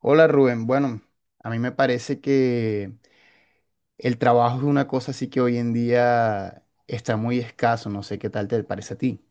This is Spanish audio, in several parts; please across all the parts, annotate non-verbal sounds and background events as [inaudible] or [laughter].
Hola Rubén, bueno, a mí me parece que el trabajo es una cosa así que hoy en día está muy escaso, no sé qué tal te parece a ti.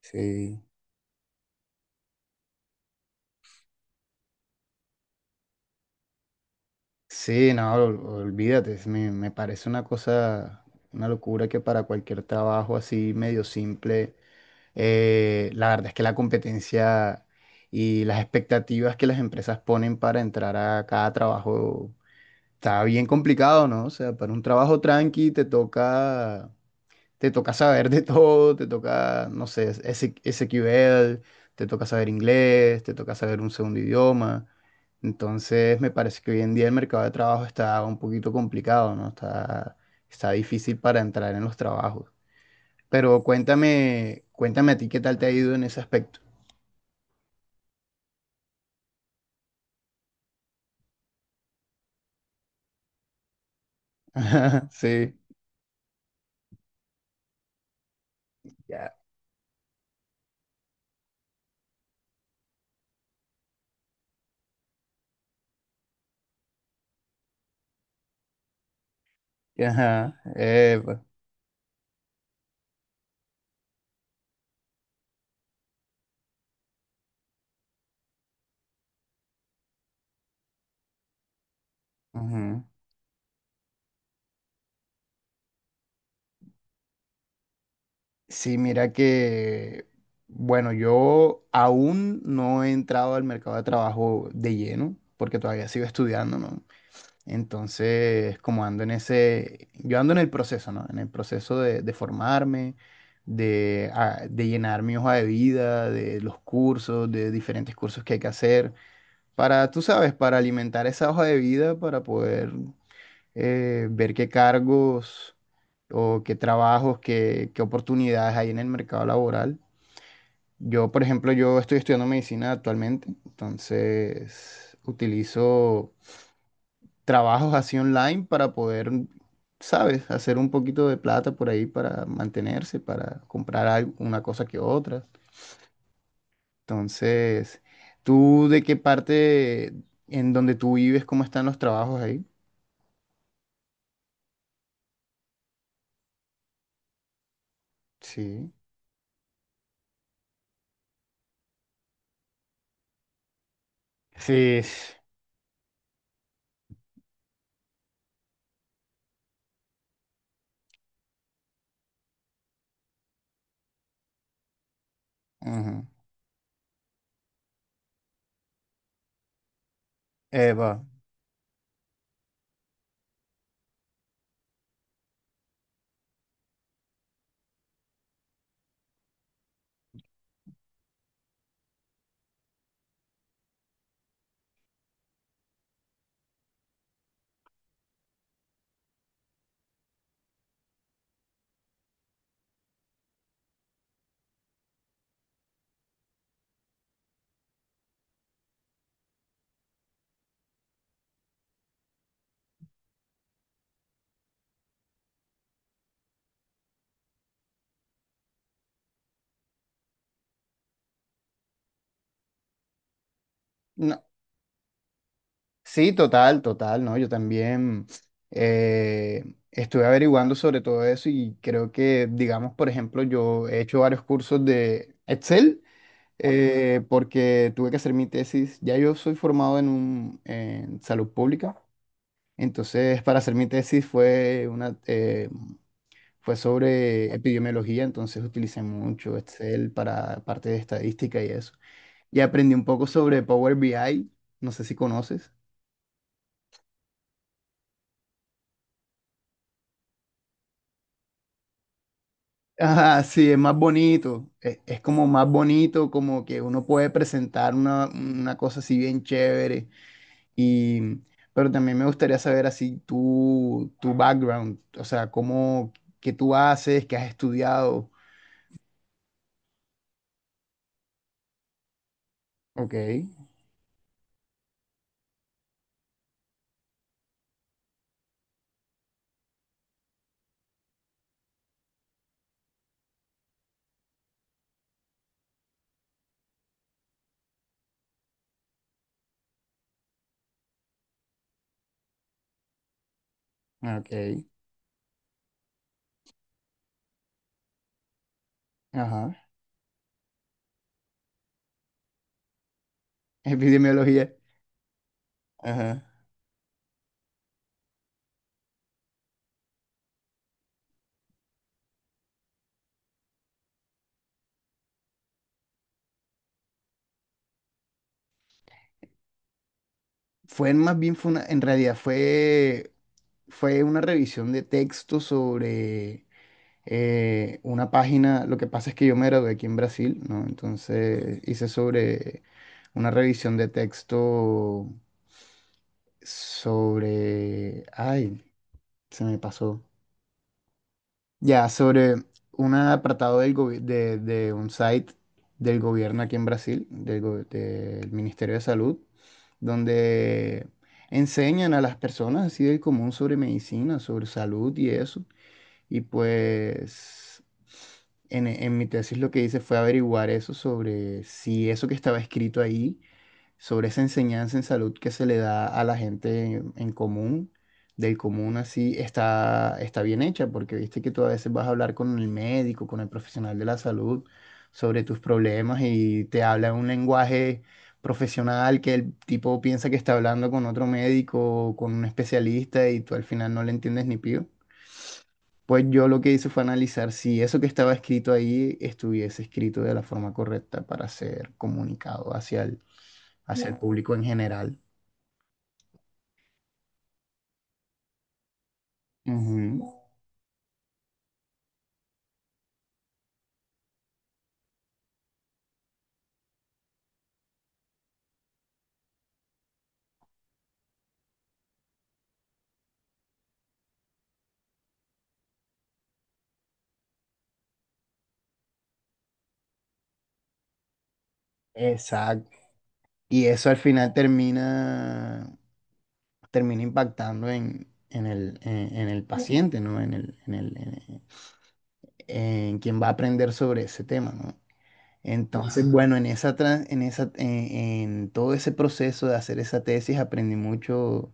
Sí, Sí, no, olvídate, me parece una cosa, una locura que para cualquier trabajo así medio simple, la verdad es que la competencia y las expectativas que las empresas ponen para entrar a cada trabajo está bien complicado, ¿no? O sea, para un trabajo tranqui te toca saber de todo, te toca, no sé, SQL, te toca saber inglés, te toca saber un segundo idioma. Entonces, me parece que hoy en día el mercado de trabajo está un poquito complicado, ¿no? Está, está difícil para entrar en los trabajos. Pero cuéntame, cuéntame a ti qué tal te ha ido en ese aspecto. [laughs] Sí, ya. Ajá. Epa. Ujú. Sí, mira que, bueno, yo aún no he entrado al mercado de trabajo de lleno, porque todavía sigo estudiando, ¿no? Entonces, como ando en ese, yo ando en el proceso, ¿no? En el proceso de formarme, de, de llenar mi hoja de vida, de los cursos, de diferentes cursos que hay que hacer, para, tú sabes, para alimentar esa hoja de vida, para poder ver qué cargos o qué trabajos, qué, qué oportunidades hay en el mercado laboral. Yo, por ejemplo, yo estoy estudiando medicina actualmente, entonces utilizo trabajos así online para poder, ¿sabes?, hacer un poquito de plata por ahí para mantenerse, para comprar una cosa que otra. Entonces, ¿tú de qué parte en donde tú vives, cómo están los trabajos ahí? Sí. Sí, s- Ujú. Eva. Sí, total, total, ¿no? Yo también eh, estuve averiguando sobre todo eso y creo que, digamos, por ejemplo, yo he hecho varios cursos de Excel porque tuve que hacer mi tesis. Ya yo soy formado en, un, en salud pública, entonces para hacer mi tesis fue, una, fue sobre epidemiología, entonces utilicé mucho Excel para parte de estadística y eso. Y aprendí un poco sobre Power BI, no sé si conoces. Ajá, sí, es más bonito. Es como más bonito, como que uno puede presentar una cosa así bien chévere. Y, pero también me gustaría saber así tu, tu background, o sea, cómo, qué tú haces, qué has estudiado. Ok, ok, ajá. [laughs] Epidemiología. Ajá. Fue en más bien, fue una, en realidad fue, fue una revisión de texto sobre una página, lo que pasa es que yo me gradué aquí en Brasil, ¿no? Entonces hice sobre una revisión de texto sobre, ay, se me pasó. Ya, sobre un apartado del de un site del gobierno aquí en Brasil, del, del Ministerio de Salud, donde enseñan a las personas así del común sobre medicina, sobre salud y eso. Y pues en, e, en mi tesis lo que hice fue averiguar eso sobre si eso que estaba escrito ahí, sobre esa enseñanza en salud que se le da a la gente en común, del común así, está, está bien hecha, porque viste que tú a veces vas a hablar con el médico, con el profesional de la salud, sobre tus problemas y te habla en un lenguaje profesional que el tipo piensa que está hablando con otro médico o con un especialista y tú al final no le entiendes ni pío. Pues yo lo que hice fue analizar si eso que estaba escrito ahí estuviese escrito de la forma correcta para ser comunicado hacia el público en general. Ujú, exacto. Y eso al final termina, termina impactando en el paciente, ¿no? En el, en el, en quien va a aprender sobre ese tema, ¿no? Entonces, bueno, en esa, en esa, en todo ese proceso de hacer esa tesis aprendí mucho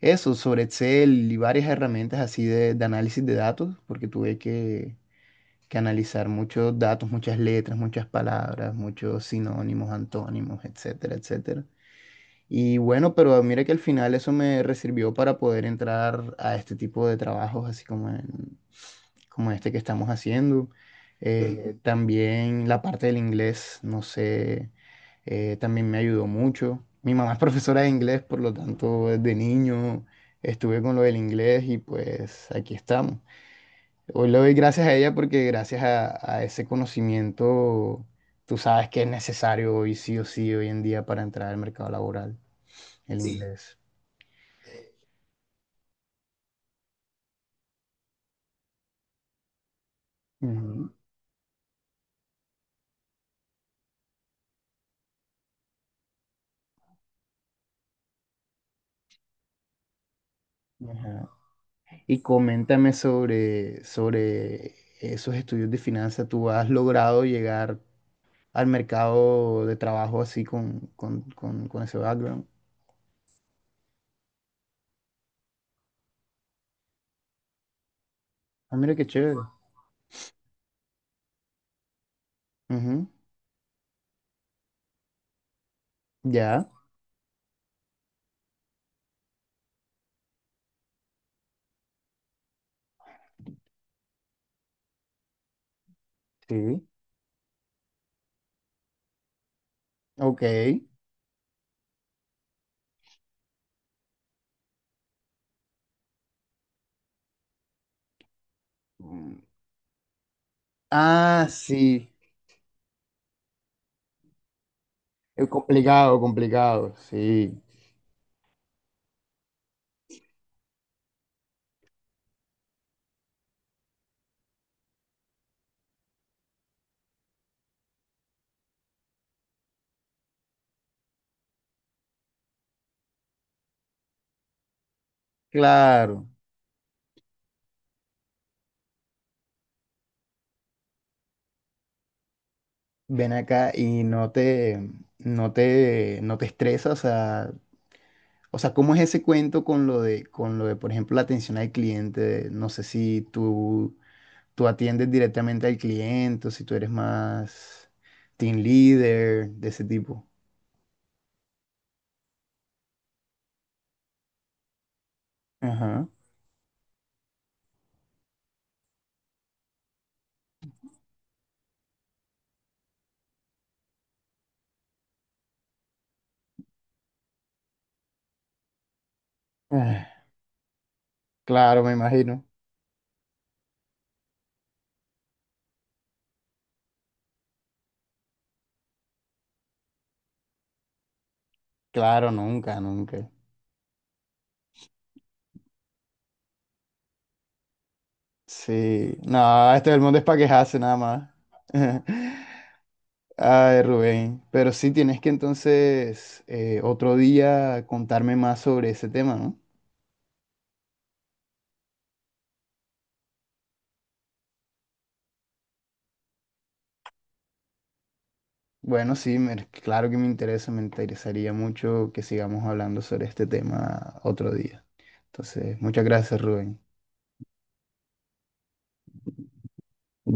eso, sobre Excel y varias herramientas así de análisis de datos, porque tuve que analizar muchos datos, muchas letras, muchas palabras, muchos sinónimos, antónimos, etcétera, etcétera. Y bueno, pero mira que al final eso me sirvió para poder entrar a este tipo de trabajos, así como en, como este que estamos haciendo. También la parte del inglés, no sé, también me ayudó mucho. Mi mamá es profesora de inglés, por lo tanto, desde niño estuve con lo del inglés y pues aquí estamos. Hoy le doy gracias a ella porque gracias a ese conocimiento, tú sabes que es necesario hoy sí o sí, hoy en día para entrar al mercado laboral, el sí. Inglés. Ujú, ujú. Y coméntame sobre, sobre esos estudios de finanzas. ¿Tú has logrado llegar al mercado de trabajo así con ese background? Ah, mira qué chévere. Ujú. Ya, sí. Ok. Mm. Ah, sí. Es complicado, complicado. Sí. Claro. Ven acá y no te, no te, no te estresas. O sea, ¿cómo es ese cuento con lo de, por ejemplo, la atención al cliente? No sé si tú, tú atiendes directamente al cliente o si tú eres más team leader de ese tipo. Ajá. Ah, claro, me imagino. Claro, nunca, nunca. Sí. No, este del mundo es para quejarse nada más. [laughs] Ay, Rubén. Pero sí tienes que entonces otro día contarme más sobre ese tema, ¿no? Bueno, sí, claro que me interesa, me interesaría mucho que sigamos hablando sobre este tema otro día. Entonces, muchas gracias, Rubén.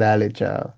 Dale, chao.